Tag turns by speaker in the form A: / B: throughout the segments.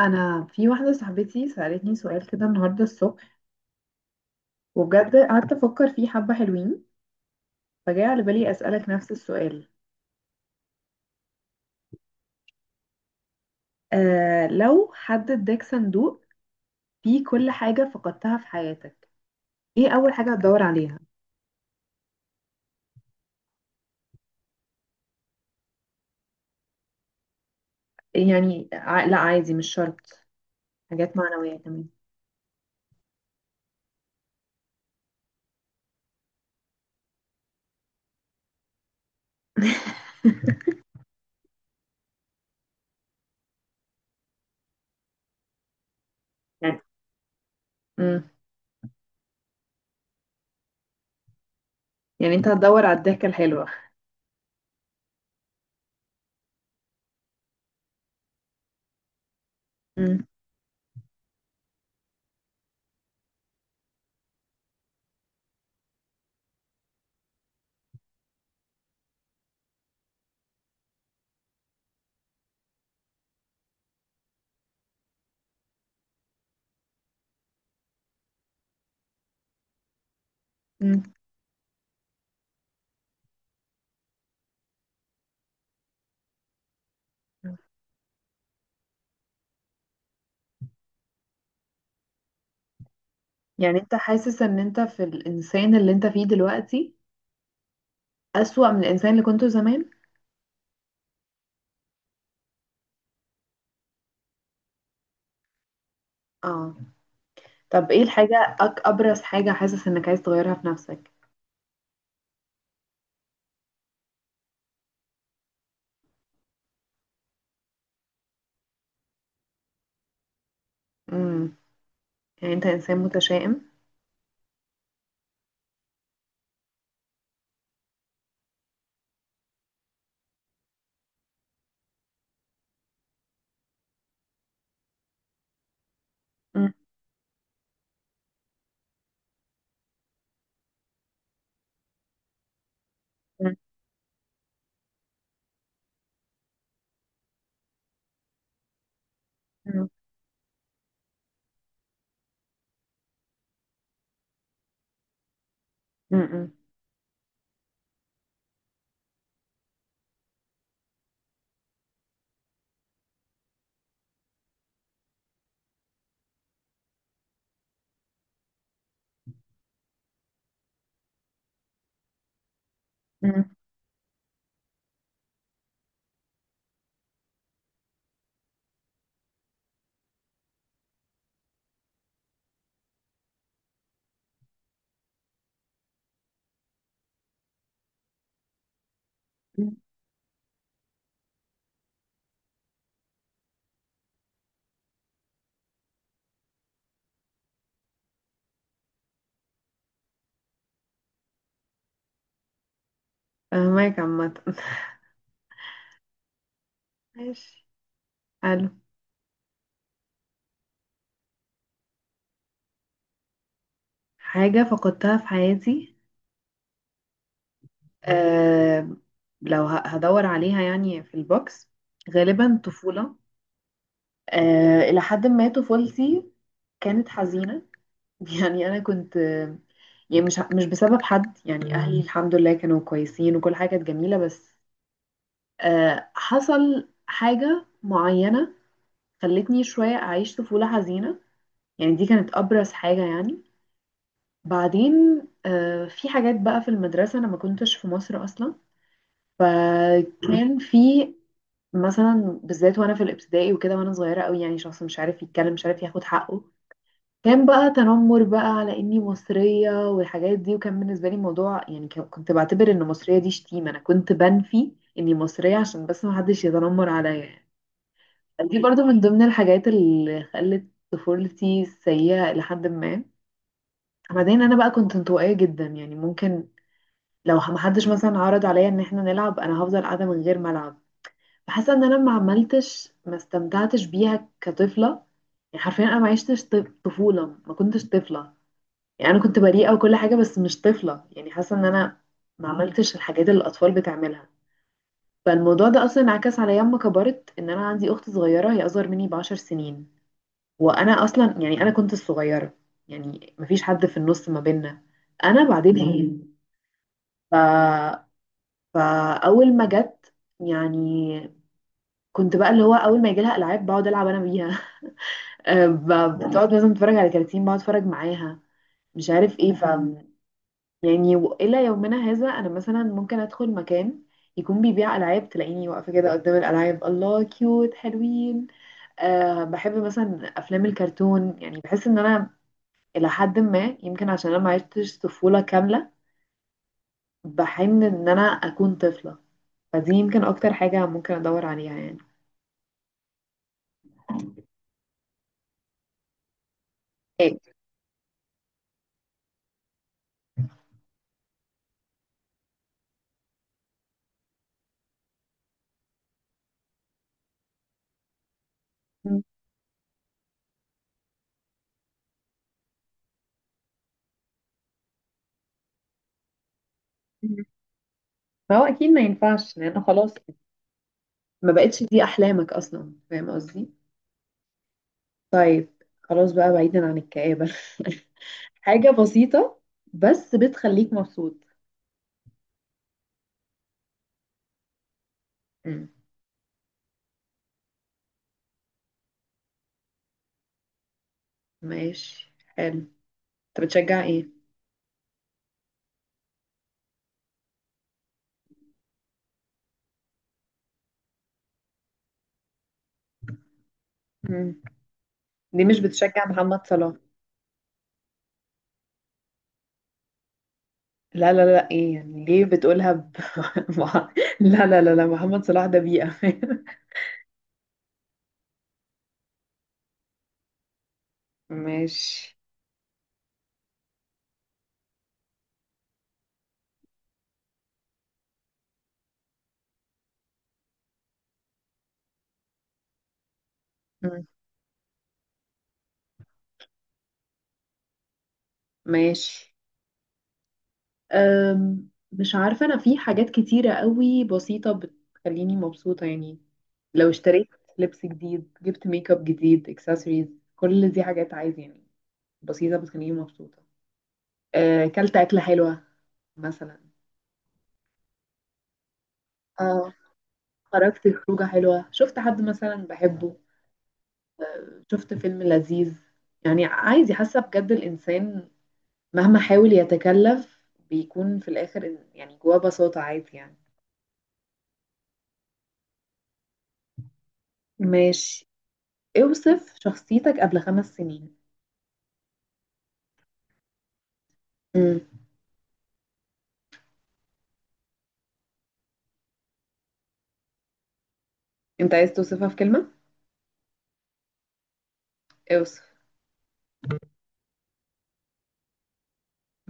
A: انا في واحده صاحبتي سالتني سؤال كده النهارده الصبح، وبجد قعدت افكر فيه حبه حلوين. فجاء على بالي اسالك نفس السؤال. آه، لو حد اداك صندوق فيه كل حاجه فقدتها في حياتك، ايه اول حاجه هتدور عليها؟ لا عادي مش شرط، حاجات معنويه كمان. يعني امم يعني انت هتدور على الضحكه الحلوه؟ امم. امم. يعني انت حاسس ان انت في الانسان اللي انت فيه دلوقتي اسوأ من الانسان اللي كنته زمان؟ اه. طب ايه الحاجة أبرز حاجة حاسس انك عايز تغيرها في نفسك؟ امم يعني انت انسان متشائم؟ امم. امم. امم. امم. فهمك عامة. ماشي، حلو. حاجة فقدتها في حياتي. أه لو هدور عليها يعني في البوكس، غالبا طفولة. أه، إلى حد ما طفولتي كانت حزينة. يعني أنا كنت يعني مش بسبب حد، يعني أهلي الحمد لله كانوا كويسين وكل حاجة كانت جميلة، بس حصل حاجة معينة خلتني شوية أعيش طفولة حزينة. يعني دي كانت أبرز حاجة يعني. بعدين في حاجات بقى في المدرسة، أنا ما كنتش في مصر أصلا، فكان في مثلا بالذات وأنا في الابتدائي وكده وأنا صغيرة أوي، يعني شخص مش عارف يتكلم مش عارف ياخد حقه. كان بقى تنمر بقى على إني مصرية والحاجات دي، وكان بالنسبة لي موضوع، يعني كنت بعتبر إن مصرية دي شتيمة، أنا كنت بنفي إني مصرية عشان بس محدش يتنمر عليا يعني. دي برضو من ضمن الحاجات اللي خلت طفولتي سيئة. لحد ما بعدين انا بقى كنت انطوائية جدا، يعني ممكن لو محدش مثلا عرض عليا ان احنا نلعب انا هفضل قاعدة من غير ما العب. بحس ان انا ما عملتش ما استمتعتش بيها كطفلة. يعني حرفيا انا ما عشتش طفولة، ما كنتش طفلة، يعني انا كنت بريئة وكل حاجة بس مش طفلة. يعني حاسة ان انا ما عملتش الحاجات اللي الاطفال بتعملها. فالموضوع ده اصلا انعكس عليا لما كبرت، ان انا عندي اخت صغيرة هي اصغر مني بـ10 سنين. وانا اصلا يعني انا كنت الصغيره، يعني مفيش حد في النص ما بيننا انا بعدين هي. مم. ف... فاول ما جت، يعني كنت بقى اللي هو اول ما يجي لها العاب بقعد العب انا بيها. بتقعد مثلا تتفرج على كراتين بقعد اتفرج معاها. مش عارف ايه ف يعني الى يومنا هذا انا مثلا ممكن ادخل مكان يكون بيبيع العاب تلاقيني واقفه كده قدام الالعاب، الله كيوت حلوين. أه بحب مثلا افلام الكرتون، يعني بحس ان انا إلى حد ما يمكن عشان أنا ما عشتش طفولة كاملة بحن إن أنا أكون طفلة. فدي يمكن أكتر حاجة ممكن أدور عليها يعني. إيه. مم. فهو أكيد ما ينفعش لأن خلاص ما بقتش دي أحلامك أصلا، فاهم قصدي؟ طيب، خلاص بقى بعيدا عن الكآبة. حاجة بسيطة بس بتخليك مبسوط. مم. ماشي، حلو. أنت بتشجع إيه؟ مم. دي مش بتشجع محمد صلاح؟ لا لا لا ايه يعني ليه بتقولها مع- لا لا لا لا محمد صلاح ده بيئة. ماشي. مم. ماشي. مش عارفة انا في حاجات كتيرة قوي بسيطة بتخليني مبسوطة يعني، لو اشتريت لبس جديد، جبت ميك اب جديد، اكسسوارز، كل دي حاجات عايز يعني بسيطة بتخليني مبسوطة. أه، اكلت أكلة حلوة مثلا. اه. خرجت خروجة حلوة، شفت حد مثلا بحبه، شفت فيلم لذيذ. يعني عايزة حاسة بجد الإنسان مهما حاول يتكلف بيكون في الآخر يعني جواه بساطة عادي يعني. ماشي. اوصف شخصيتك قبل 5 سنين. مم. انت عايز توصفها في كلمة؟ اوصف.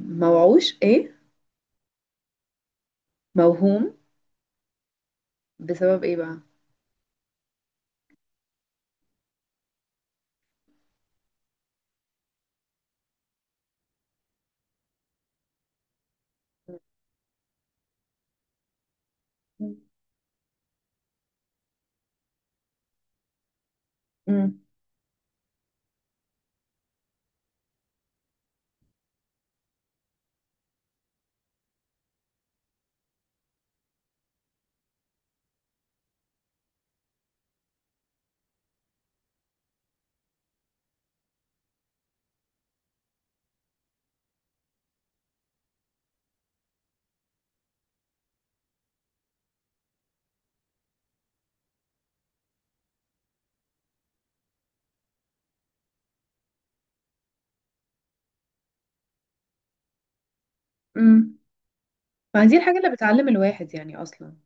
A: موعوش ايه؟ موهوم؟ بسبب ايه بقى؟ مم. مم. مم. ما دي الحاجة اللي بتعلم الواحد يعني أصلا.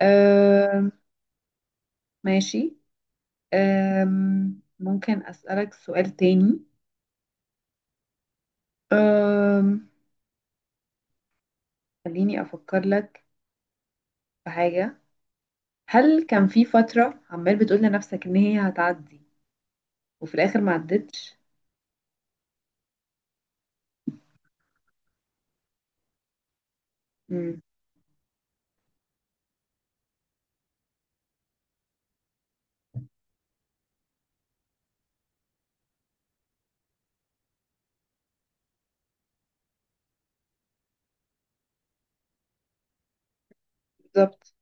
A: أه. ماشي. ممكن أسألك سؤال تاني؟ أم، خليني أفكر لك في حاجة. هل كان في فترة عمال بتقول لنفسك إن هي هتعدي وفي الآخر ما عدتش؟ امم بالظبط.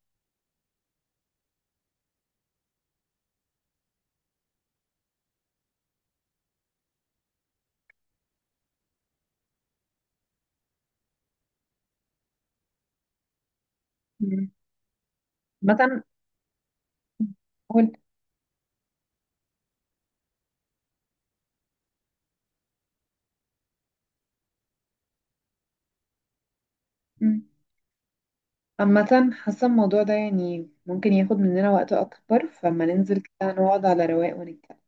A: امم. مثلا. قول. امم عامة حاسة الموضوع ده يعني ممكن ياخد مننا وقت أكبر، فما ننزل كده نقعد على رواق ونتكلم.